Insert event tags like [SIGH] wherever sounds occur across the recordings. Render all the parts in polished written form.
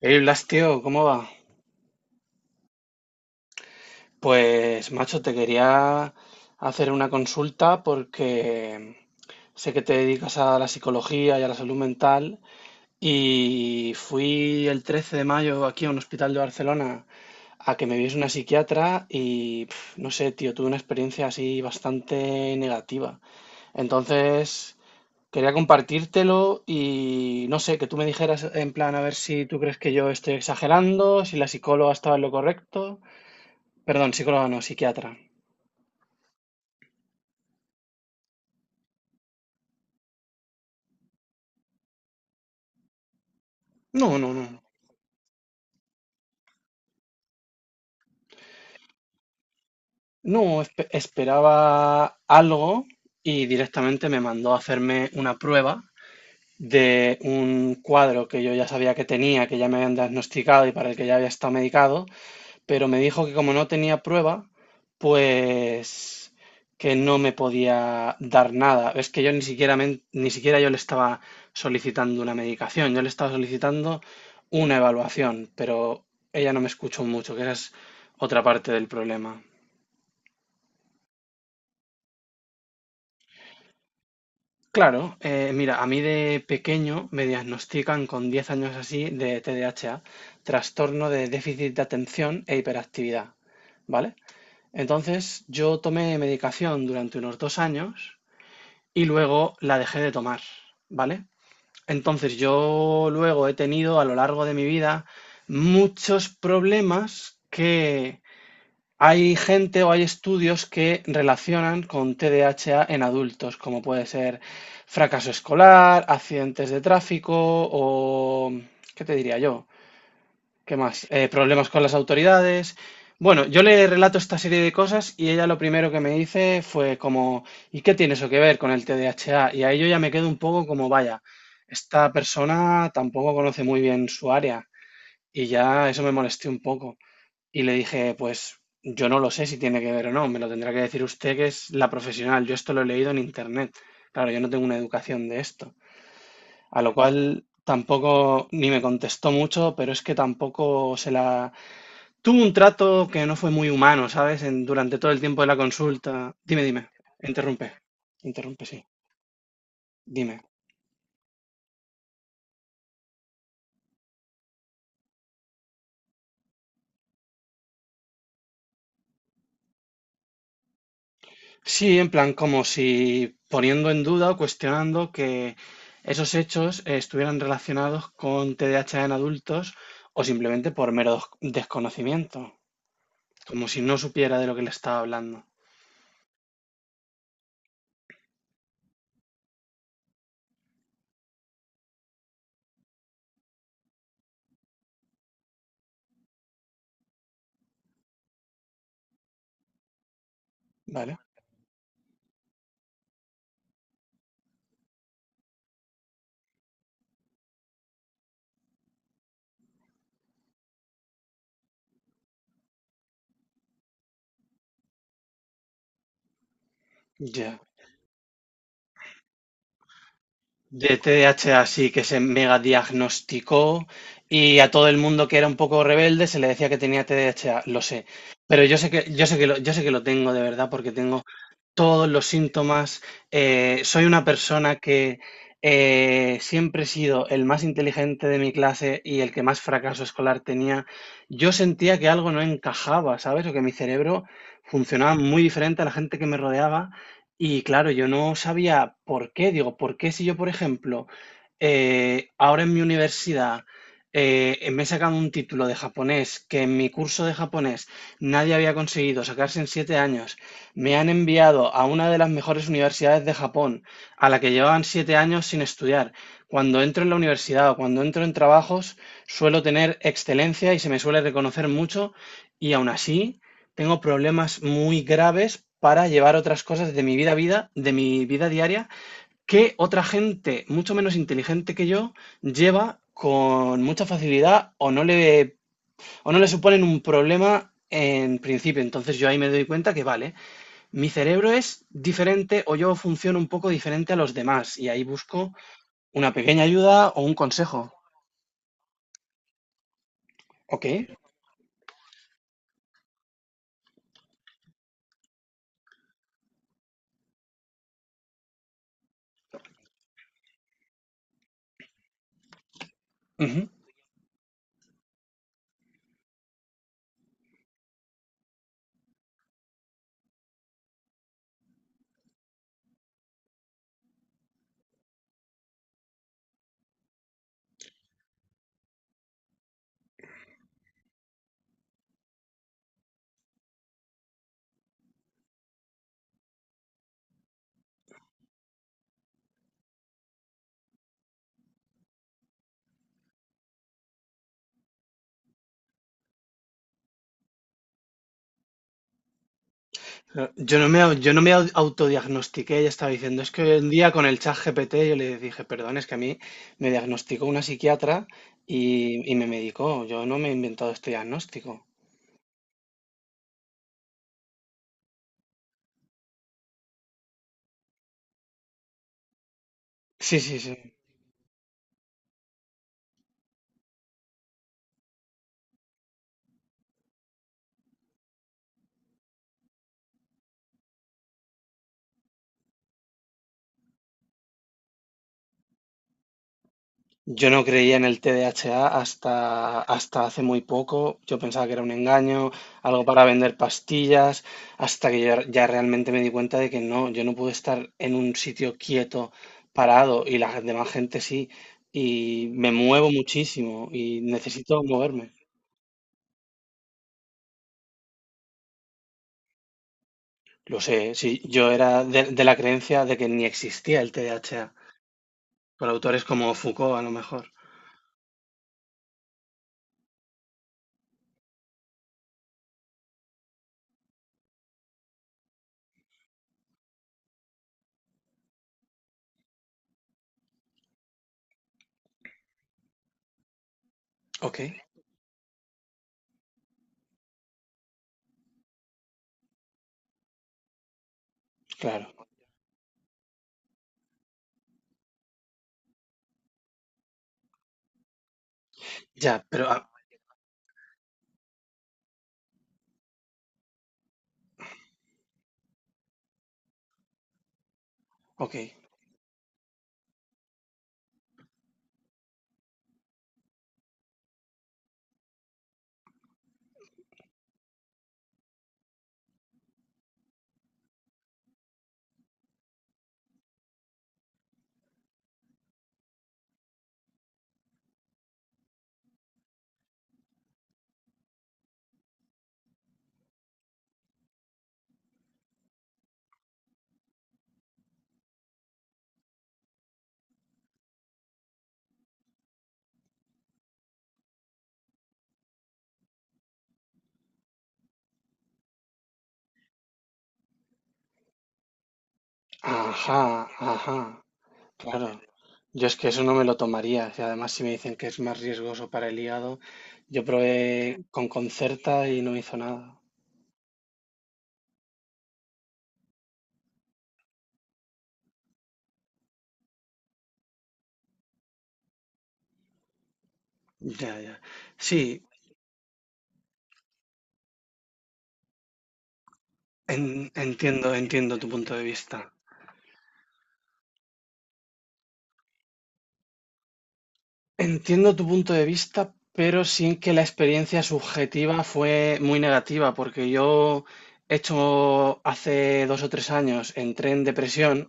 Hey Blas, tío, ¿cómo va? Pues, macho, te quería hacer una consulta porque sé que te dedicas a la psicología y a la salud mental y fui el 13 de mayo aquí a un hospital de Barcelona a que me viese una psiquiatra y, no sé, tío, tuve una experiencia así bastante negativa. Entonces, quería compartírtelo y, no sé, que tú me dijeras en plan a ver si tú crees que yo estoy exagerando, si la psicóloga estaba en lo correcto. Perdón, psicóloga no, psiquiatra. No, no, no. No, esperaba algo y directamente me mandó a hacerme una prueba de un cuadro que yo ya sabía que tenía, que ya me habían diagnosticado y para el que ya había estado medicado, pero me dijo que como no tenía prueba, pues que no me podía dar nada. Es que yo ni siquiera, ni siquiera yo le estaba solicitando una medicación, yo le estaba solicitando una evaluación, pero ella no me escuchó mucho, que esa es otra parte del problema. Claro, mira, a mí de pequeño me diagnostican con 10 años así de TDAH, trastorno de déficit de atención e hiperactividad, ¿vale? Entonces yo tomé medicación durante unos 2 años y luego la dejé de tomar, ¿vale? Entonces yo luego he tenido a lo largo de mi vida muchos problemas que hay gente o hay estudios que relacionan con TDAH en adultos, como puede ser fracaso escolar, accidentes de tráfico o, ¿qué te diría yo? ¿Qué más? Problemas con las autoridades. Bueno, yo le relato esta serie de cosas y ella lo primero que me dice fue como, ¿y qué tiene eso que ver con el TDAH? Y ahí yo ya me quedo un poco como, vaya, esta persona tampoco conoce muy bien su área y ya eso me molesté un poco. Y le dije, pues yo no lo sé si tiene que ver o no, me lo tendrá que decir usted que es la profesional, yo esto lo he leído en internet. Claro, yo no tengo una educación de esto. A lo cual tampoco ni me contestó mucho, pero es que tampoco se la tuvo un trato que no fue muy humano, ¿sabes? En- durante todo el tiempo de la consulta. Dime, dime. Interrumpe. Interrumpe, sí. Dime. Sí, en plan, como si poniendo en duda o cuestionando que esos hechos estuvieran relacionados con TDAH en adultos o simplemente por mero desconocimiento, como si no supiera de lo que le estaba hablando. ¿Vale? Ya. De TDAH, así que se mega diagnosticó y a todo el mundo que era un poco rebelde se le decía que tenía TDAH, lo sé. Pero yo sé que lo tengo de verdad porque tengo todos los síntomas. Soy una persona que siempre he sido el más inteligente de mi clase y el que más fracaso escolar tenía. Yo sentía que algo no encajaba, ¿sabes? O que mi cerebro funcionaba muy diferente a la gente que me rodeaba. Y claro, yo no sabía por qué. Digo, ¿por qué si yo, por ejemplo, ahora en mi universidad me he sacado un título de japonés que en mi curso de japonés nadie había conseguido sacarse en 7 años? Me han enviado a una de las mejores universidades de Japón, a la que llevaban 7 años sin estudiar. Cuando entro en la universidad o cuando entro en trabajos, suelo tener excelencia y se me suele reconocer mucho, y aún así tengo problemas muy graves para llevar otras cosas de mi vida a vida, de mi vida diaria, que otra gente mucho menos inteligente que yo lleva con mucha facilidad o no le suponen un problema en principio. Entonces yo ahí me doy cuenta que vale, mi cerebro es diferente o yo funciono un poco diferente a los demás y ahí busco una pequeña ayuda o un consejo. Ok. Ujú. Yo no me autodiagnostiqué, ella estaba diciendo, es que un día con el chat GPT yo le dije, perdón, es que a mí me diagnosticó una psiquiatra y me medicó, yo no me he inventado este diagnóstico. Sí, sí, sí. Yo no creía en el TDAH hasta hace muy poco. Yo pensaba que era un engaño, algo para vender pastillas, hasta que ya realmente me di cuenta de que no, yo no puedo estar en un sitio quieto, parado, y la demás gente sí. Y me muevo muchísimo y necesito moverme. Lo sé, sí, yo era de la creencia de que ni existía el TDAH, por autores como Foucault a lo mejor. Ok, claro. Ya, pero, ah, ok. Ajá, ajá. Claro, yo es que eso no me lo tomaría. Y además, si me dicen que es más riesgoso para el hígado, yo probé con Concerta y no hizo nada. Ya, ya. Sí, entiendo, entiendo tu punto de vista. Entiendo tu punto de vista, pero sin que la experiencia subjetiva fue muy negativa, porque yo he hecho hace 2 o 3 años, entré en depresión,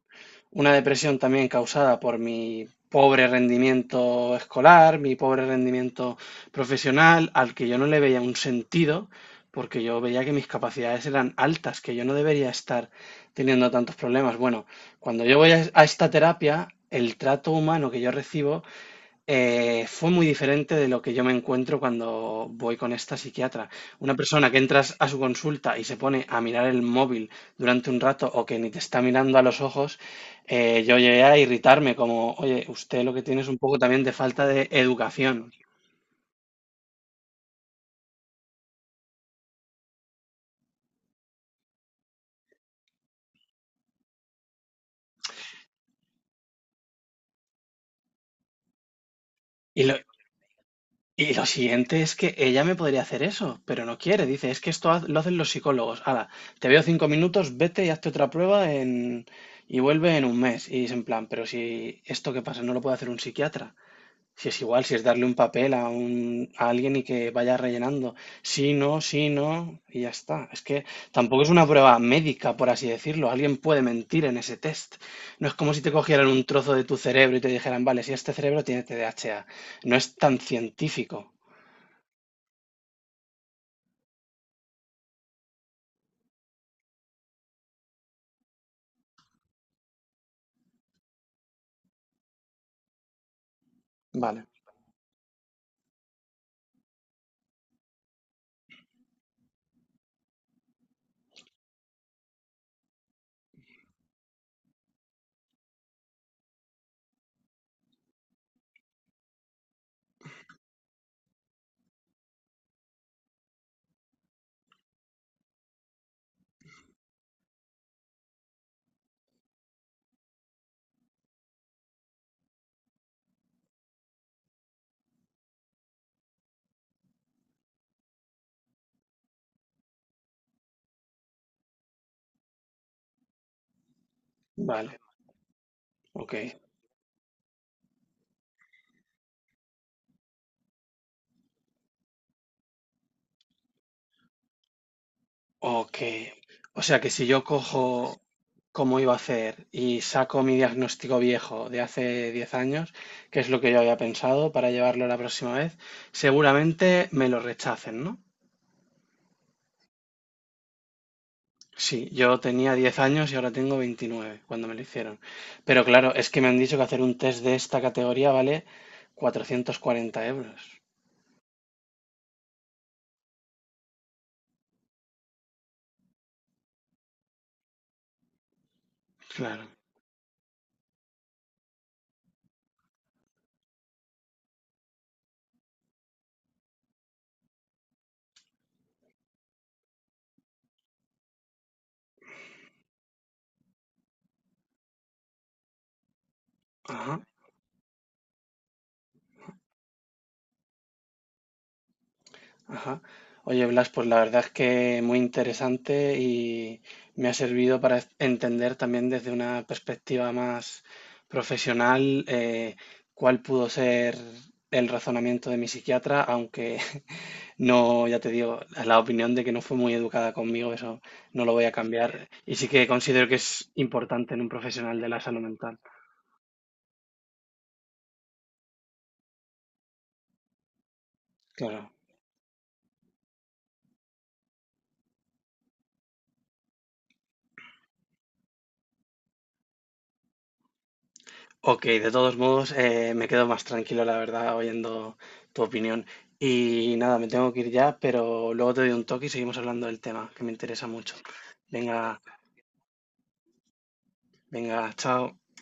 una depresión también causada por mi pobre rendimiento escolar, mi pobre rendimiento profesional, al que yo no le veía un sentido, porque yo veía que mis capacidades eran altas, que yo no debería estar teniendo tantos problemas. Bueno, cuando yo voy a esta terapia, el trato humano que yo recibo fue muy diferente de lo que yo me encuentro cuando voy con esta psiquiatra. Una persona que entras a su consulta y se pone a mirar el móvil durante un rato o que ni te está mirando a los ojos, yo llegué a irritarme como, oye, usted lo que tiene es un poco también de falta de educación. Y lo, y lo siguiente es que ella me podría hacer eso, pero no quiere. Dice, es que esto lo hacen los psicólogos. Hala, te veo 5 minutos, vete y hazte otra prueba en, y vuelve en un mes. Y es en plan, pero si esto que pasa no lo puede hacer un psiquiatra. Si es igual, si es darle un papel a alguien y que vaya rellenando. Sí, no, sí, no, y ya está. Es que tampoco es una prueba médica, por así decirlo. Alguien puede mentir en ese test. No es como si te cogieran un trozo de tu cerebro y te dijeran, vale, si este cerebro tiene TDAH. No es tan científico. Vale, vale, ok. Ok. O sea que si yo cojo cómo iba a hacer y saco mi diagnóstico viejo de hace 10 años, que es lo que yo había pensado para llevarlo la próxima vez, seguramente me lo rechacen, ¿no? Sí, yo tenía 10 años y ahora tengo 29 cuando me lo hicieron. Pero claro, es que me han dicho que hacer un test de esta categoría vale 440 euros. Claro. Ajá. Ajá. Oye, Blas, pues la verdad es que muy interesante y me ha servido para entender también desde una perspectiva más profesional cuál pudo ser el razonamiento de mi psiquiatra, aunque [LAUGHS] no, ya te digo, la opinión de que no fue muy educada conmigo, eso no lo voy a cambiar. Y sí que considero que es importante en un profesional de la salud mental. Claro. Ok, de todos modos, me quedo más tranquilo, la verdad, oyendo tu opinión. Y nada, me tengo que ir ya, pero luego te doy un toque y seguimos hablando del tema, que me interesa mucho. Venga, venga, chao.